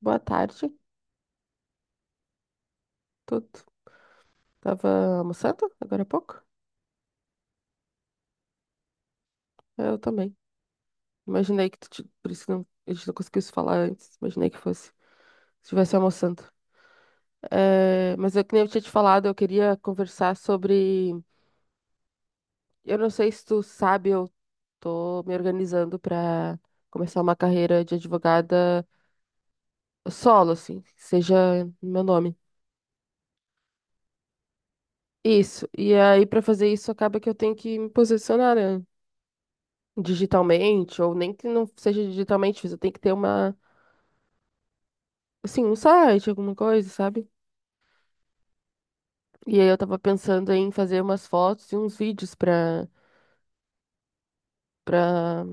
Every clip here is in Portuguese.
Boa tarde, tudo. Tava almoçando agora há pouco? Eu também. Imaginei que por isso que não, a gente não conseguiu se falar antes. Imaginei que fosse, estivesse almoçando. É, mas eu que nem eu tinha te falado, eu queria conversar sobre. Eu não sei se tu sabe, eu tô me organizando para começar uma carreira de advogada solo, assim, que seja meu nome. Isso. E aí, para fazer isso, acaba que eu tenho que me posicionar, né? Digitalmente, ou nem que não seja digitalmente, mas eu tenho que ter uma assim, um site, alguma coisa, sabe? E aí eu tava pensando em fazer umas fotos e uns vídeos pra,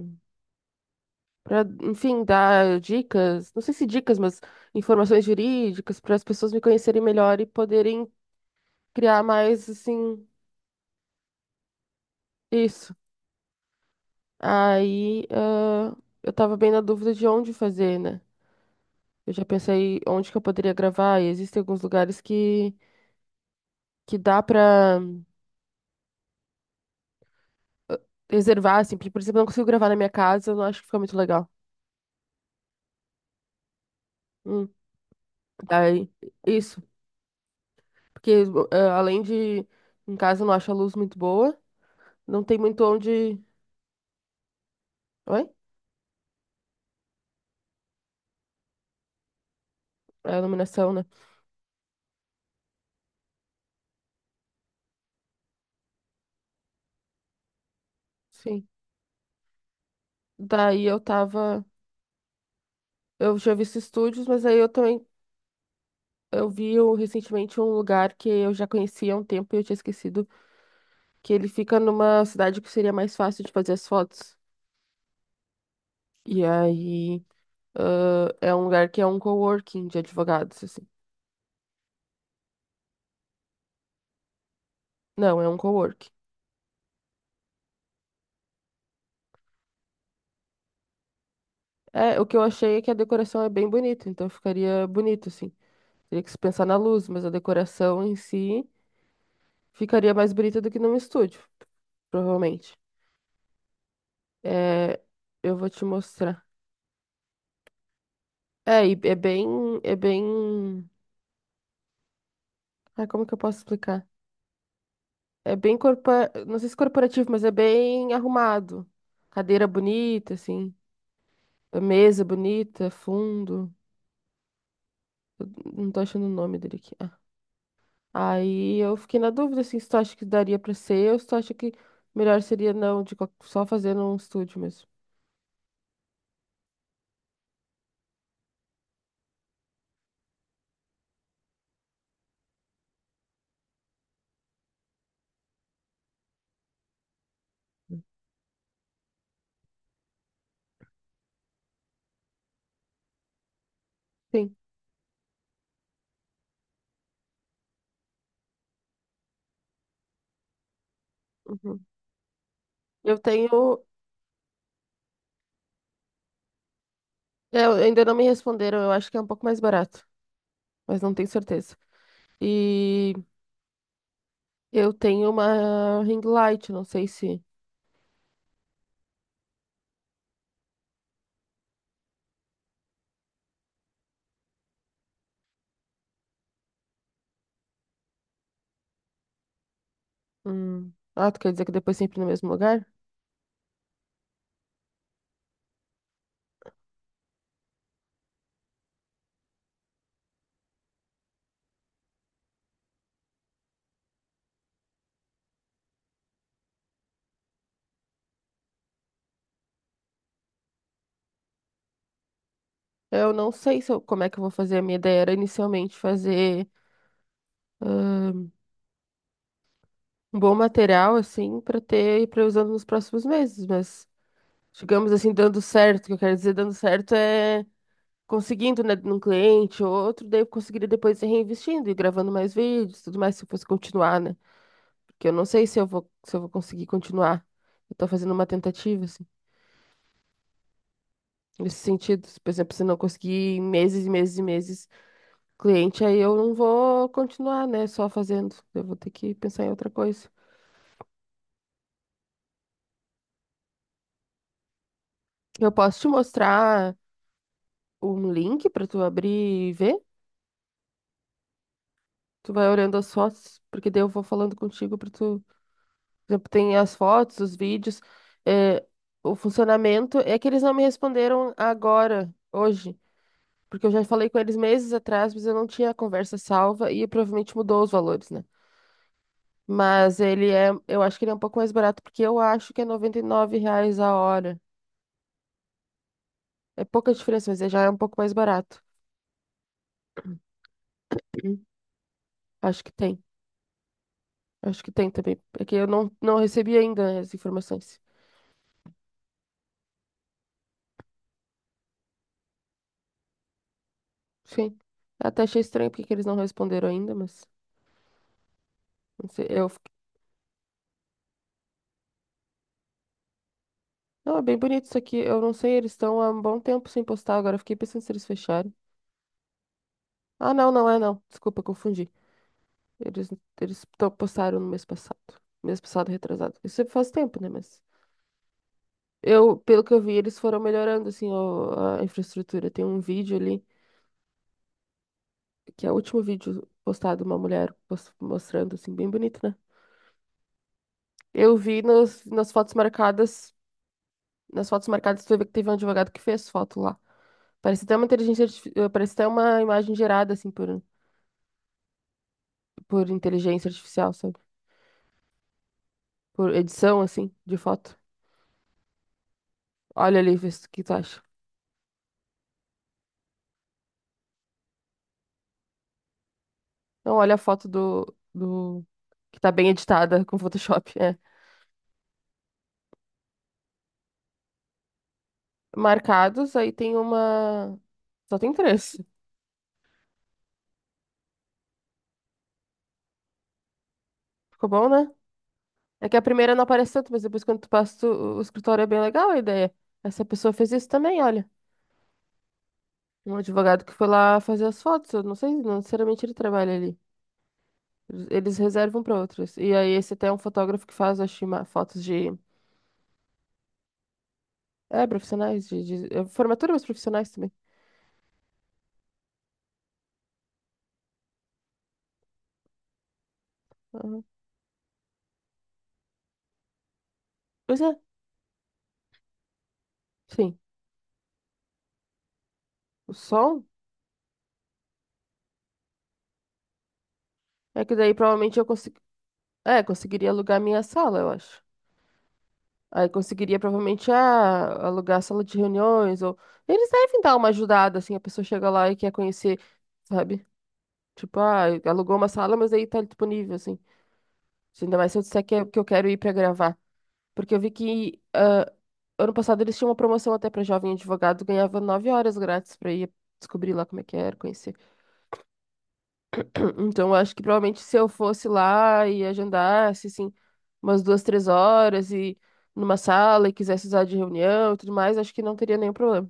pra, enfim, dar dicas, não sei se dicas, mas informações jurídicas para as pessoas me conhecerem melhor e poderem criar mais, assim, isso. Aí, eu tava bem na dúvida de onde fazer, né? Eu já pensei onde que eu poderia gravar e existem alguns lugares que dá pra ah, reservar, assim, porque, por exemplo, eu não consigo gravar na minha casa, eu não acho que fica muito legal. Hum. Daí, isso. Porque além de em casa não acho a luz muito boa, não tem muito onde. Oi? É a iluminação, né? Sim. Daí eu tava. Eu já vi esses estúdios, mas aí eu também. Eu vi recentemente um lugar que eu já conhecia há um tempo e eu tinha esquecido que ele fica numa cidade que seria mais fácil de fazer as fotos. E aí, é um lugar que é um coworking de advogados, assim. Não, é um coworking. É, o que eu achei é que a decoração é bem bonita, então ficaria bonito, assim. Teria que se pensar na luz, mas a decoração em si ficaria mais bonita do que num estúdio, provavelmente. É, eu vou te mostrar. É, e é bem, como que eu posso explicar? É bem não sei se corporativo, mas é bem arrumado. Cadeira bonita, assim, a mesa bonita, fundo. Eu não tô achando o nome dele aqui. Ah. Aí eu fiquei na dúvida, assim, se tu acha que daria pra ser ou se tu acha que melhor seria não, só fazer num estúdio mesmo. Sim. Uhum. Eu tenho. Eu ainda não me responderam, eu acho que é um pouco mais barato, mas não tenho certeza. E eu tenho uma ring light, não sei se. Hum. Ah, tu quer dizer que depois sempre no mesmo lugar? Eu não sei se eu- como é que eu vou fazer. A minha ideia era inicialmente fazer um bom material, assim, pra ter, pra ir usando nos próximos meses, mas digamos assim, dando certo, o que eu quero dizer dando certo é conseguindo, né, num cliente ou outro, daí eu conseguiria depois ir reinvestindo e gravando mais vídeos, tudo mais, se eu fosse continuar, né? Porque eu não sei se eu vou conseguir continuar. Eu tô fazendo uma tentativa, assim, nesse sentido. Se, Por exemplo, se eu não conseguir em meses e meses e meses cliente, aí eu não vou continuar, né? Só fazendo. Eu vou ter que pensar em outra coisa. Eu posso te mostrar um link pra tu abrir e ver? Tu vai olhando as fotos, porque daí eu vou falando contigo pra tu. Por exemplo, tem as fotos, os vídeos. eh, o funcionamento é que eles não me responderam agora, hoje. Porque eu já falei com eles meses atrás, mas eu não tinha a conversa salva e provavelmente mudou os valores, né? Mas ele é, eu acho que ele é um pouco mais barato, porque eu acho que é R$ 99 a hora. É pouca diferença, mas ele já é um pouco mais barato. Uhum. Acho que tem. Acho que tem também. É que eu não recebi ainda né, as informações. Sim. Até achei estranho porque que eles não responderam ainda, mas não sei. Eu fiquei... Não, é bem bonito isso aqui. Eu não sei, eles estão há um bom tempo sem postar agora. Eu fiquei pensando se eles fecharam. Ah, não, não é não. Desculpa, confundi. Eles, eles postaram no mês passado. Mês passado, retrasado. Isso faz tempo, né? Mas eu, pelo que eu vi, eles foram melhorando, assim, a infraestrutura. Tem um vídeo ali, que é o último vídeo postado, uma mulher mostrando, assim, bem bonito, né? Eu vi nos, nas fotos marcadas, tu vê que teve um advogado que fez foto lá. Parece até uma imagem gerada, assim, por inteligência artificial, sabe? Por edição, assim, de foto. Olha ali, vê o que tu acha. Não, olha a foto do que tá bem editada com Photoshop. É. Marcados, aí tem uma. Só tem três. Ficou bom, né? É que a primeira não aparece tanto, mas depois quando tu passa, o escritório é bem legal a ideia. Essa pessoa fez isso também, olha. Um advogado que foi lá fazer as fotos. Eu não sei, não necessariamente ele trabalha ali. Eles reservam para outros. E aí esse até é um fotógrafo que faz, acho, fotos de. É, profissionais, de formatura, mas profissionais também. Aham. Pois é, sim. O som. É que daí provavelmente eu consigo. É, conseguiria alugar minha sala, eu acho. Aí conseguiria provavelmente alugar a sala de reuniões ou eles devem dar uma ajudada assim, a pessoa chega lá e quer conhecer, sabe? Tipo, alugou uma sala, mas aí tá disponível assim. Se Ainda mais se eu disser que eu quero ir pra gravar, porque eu vi que ano passado eles tinham uma promoção até pra jovem advogado, ganhava 9 horas grátis pra ir descobrir lá como é que era, conhecer. Então, eu acho que provavelmente se eu fosse lá e agendasse, assim, umas 2, 3 horas e numa sala e quisesse usar de reunião e tudo mais, acho que não teria nenhum problema.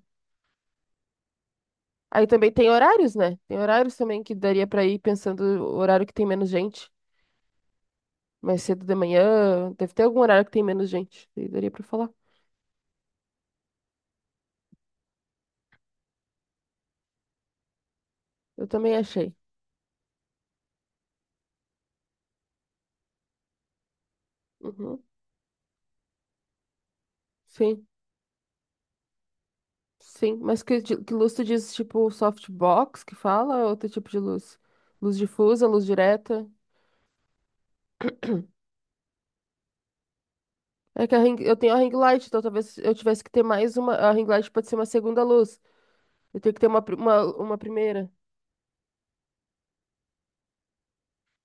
Aí também tem horários, né? Tem horários também que daria pra ir pensando o horário que tem menos gente. Mais cedo de manhã, deve ter algum horário que tem menos gente. Daí daria pra falar. Eu também achei. Uhum. Sim, sim. Mas que luz tu diz, tipo softbox que fala, ou outro tipo de luz? Luz difusa, luz direta? É que eu tenho a ring light, então talvez eu tivesse que ter mais uma. A ring light pode ser uma segunda luz. Eu tenho que ter uma primeira.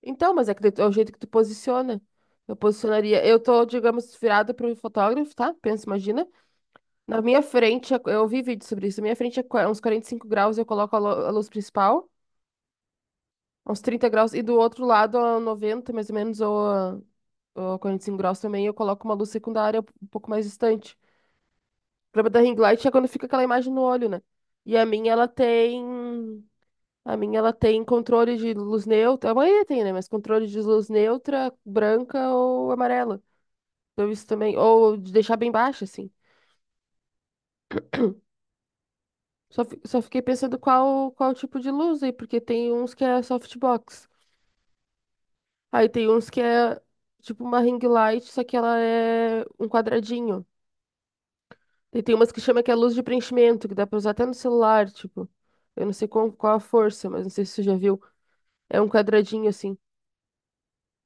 Então, mas é que é o jeito que tu posiciona. Eu posicionaria. Eu tô, digamos, virada pro fotógrafo, tá? Pensa, imagina. Na minha frente, eu vi vídeo sobre isso. Na minha frente é uns 45 graus, eu coloco a luz principal, uns 30 graus. E do outro lado, a 90 mais ou menos, ou a 45 graus também, eu coloco uma luz secundária um pouco mais distante. O problema da ring light é quando fica aquela imagem no olho, né? E a minha, ela tem. A minha, ela tem controle de luz neutra. A maioria tem, né? Mas controle de luz neutra, branca ou amarela. Então isso também. Ou de deixar bem baixa, assim. Só fiquei pensando qual tipo de luz aí, porque tem uns que é softbox. Aí tem uns que é tipo uma ring light, só que ela é um quadradinho. E tem umas que chama que é luz de preenchimento, que dá pra usar até no celular, tipo. Eu não sei qual a força, mas não sei se você já viu. É um quadradinho assim.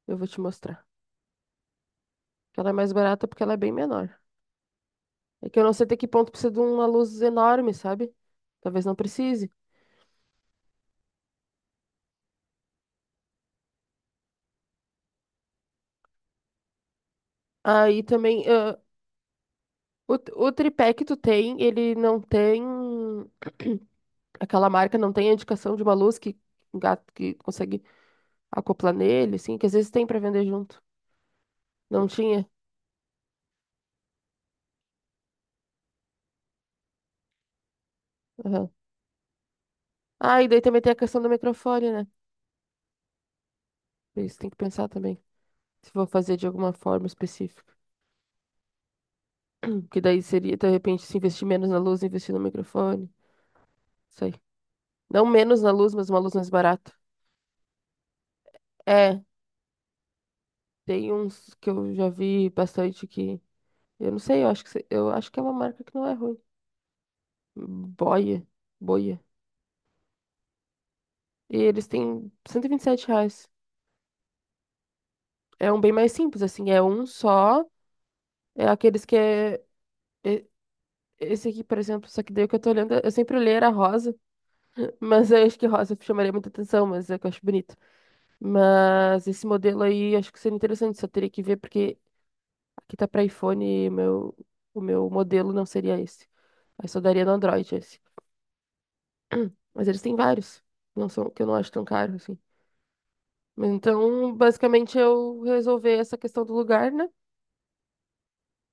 Eu vou te mostrar. Ela é mais barata porque ela é bem menor. É que eu não sei até que ponto precisa de uma luz enorme, sabe? Talvez não precise. Aí também, o tripé que tu tem, ele não tem. Aquela marca não tem a indicação de uma luz que um gato que consegue acoplar nele, assim, que às vezes tem pra vender junto. Não tinha? Aham. Ah, e daí também tem a questão do microfone, né? Isso tem que pensar também. Se for fazer de alguma forma específica. Que daí seria, de repente, se investir menos na luz, investir no microfone. Sei. Não menos na luz, mas uma luz mais barata. É, tem uns que eu já vi bastante que. Eu não sei, eu acho que é uma marca que não é ruim. Boia. Boia. E eles têm cento e vinte e sete reais. É um bem mais simples, assim. É um só. É aqueles que é. e- Esse aqui, por exemplo, só que daí o que eu tô olhando, eu sempre olhei era rosa, mas eu acho que rosa chamaria muita atenção, mas é que eu acho bonito. Mas esse modelo aí, acho que seria interessante, só teria que ver, porque que tá pra iPhone, meu, o meu modelo não seria esse. Aí só daria no Android esse. Mas eles têm vários. Não são, que eu não acho tão caro assim. Então, basicamente, eu resolver essa questão do lugar, né?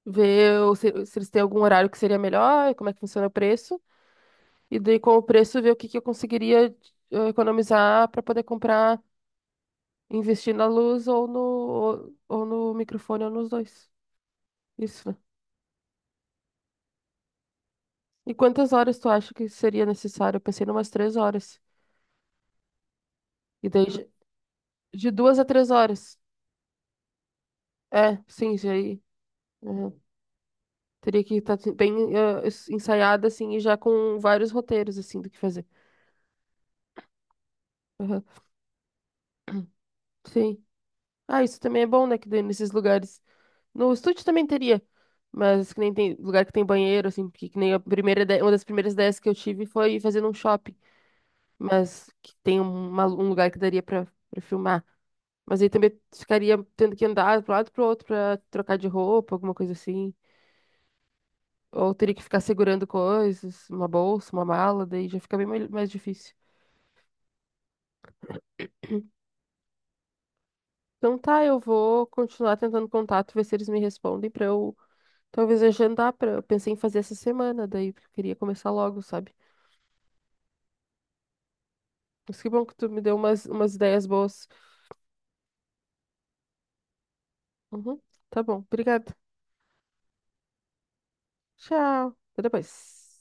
Ver se eles têm algum horário que seria melhor, como é que funciona o preço. E daí, com o preço, ver o que eu conseguiria economizar para poder comprar, investir na luz ou no microfone ou nos dois. Isso, né? E quantas horas tu acha que seria necessário? Eu pensei em umas 3 horas. E daí, de 2 a 3 horas. É, sim, isso aí. Uhum. Teria que estar bem ensaiada, assim, e já com vários roteiros, assim, do que fazer. Uhum. Sim. Ah, isso também é bom, né? Que daí nesses lugares. No estúdio também teria. Mas que nem tem lugar que tem banheiro, assim, porque que nem a primeira ideia, uma das primeiras ideias que eu tive foi fazer num shopping. Mas que tem um lugar que daria pra filmar. Mas aí também ficaria tendo que andar pro lado e pro outro pra trocar de roupa, alguma coisa assim. Ou teria que ficar segurando coisas, uma bolsa, uma mala, daí já fica bem mais difícil. Então tá, eu vou continuar tentando contato, ver se eles me respondem pra eu talvez agendar pra. Eu pensei em fazer essa semana, daí porque eu queria começar logo, sabe? Mas que bom que tu me deu umas ideias boas. Uhum, tá bom, obrigada. Tchau, até depois.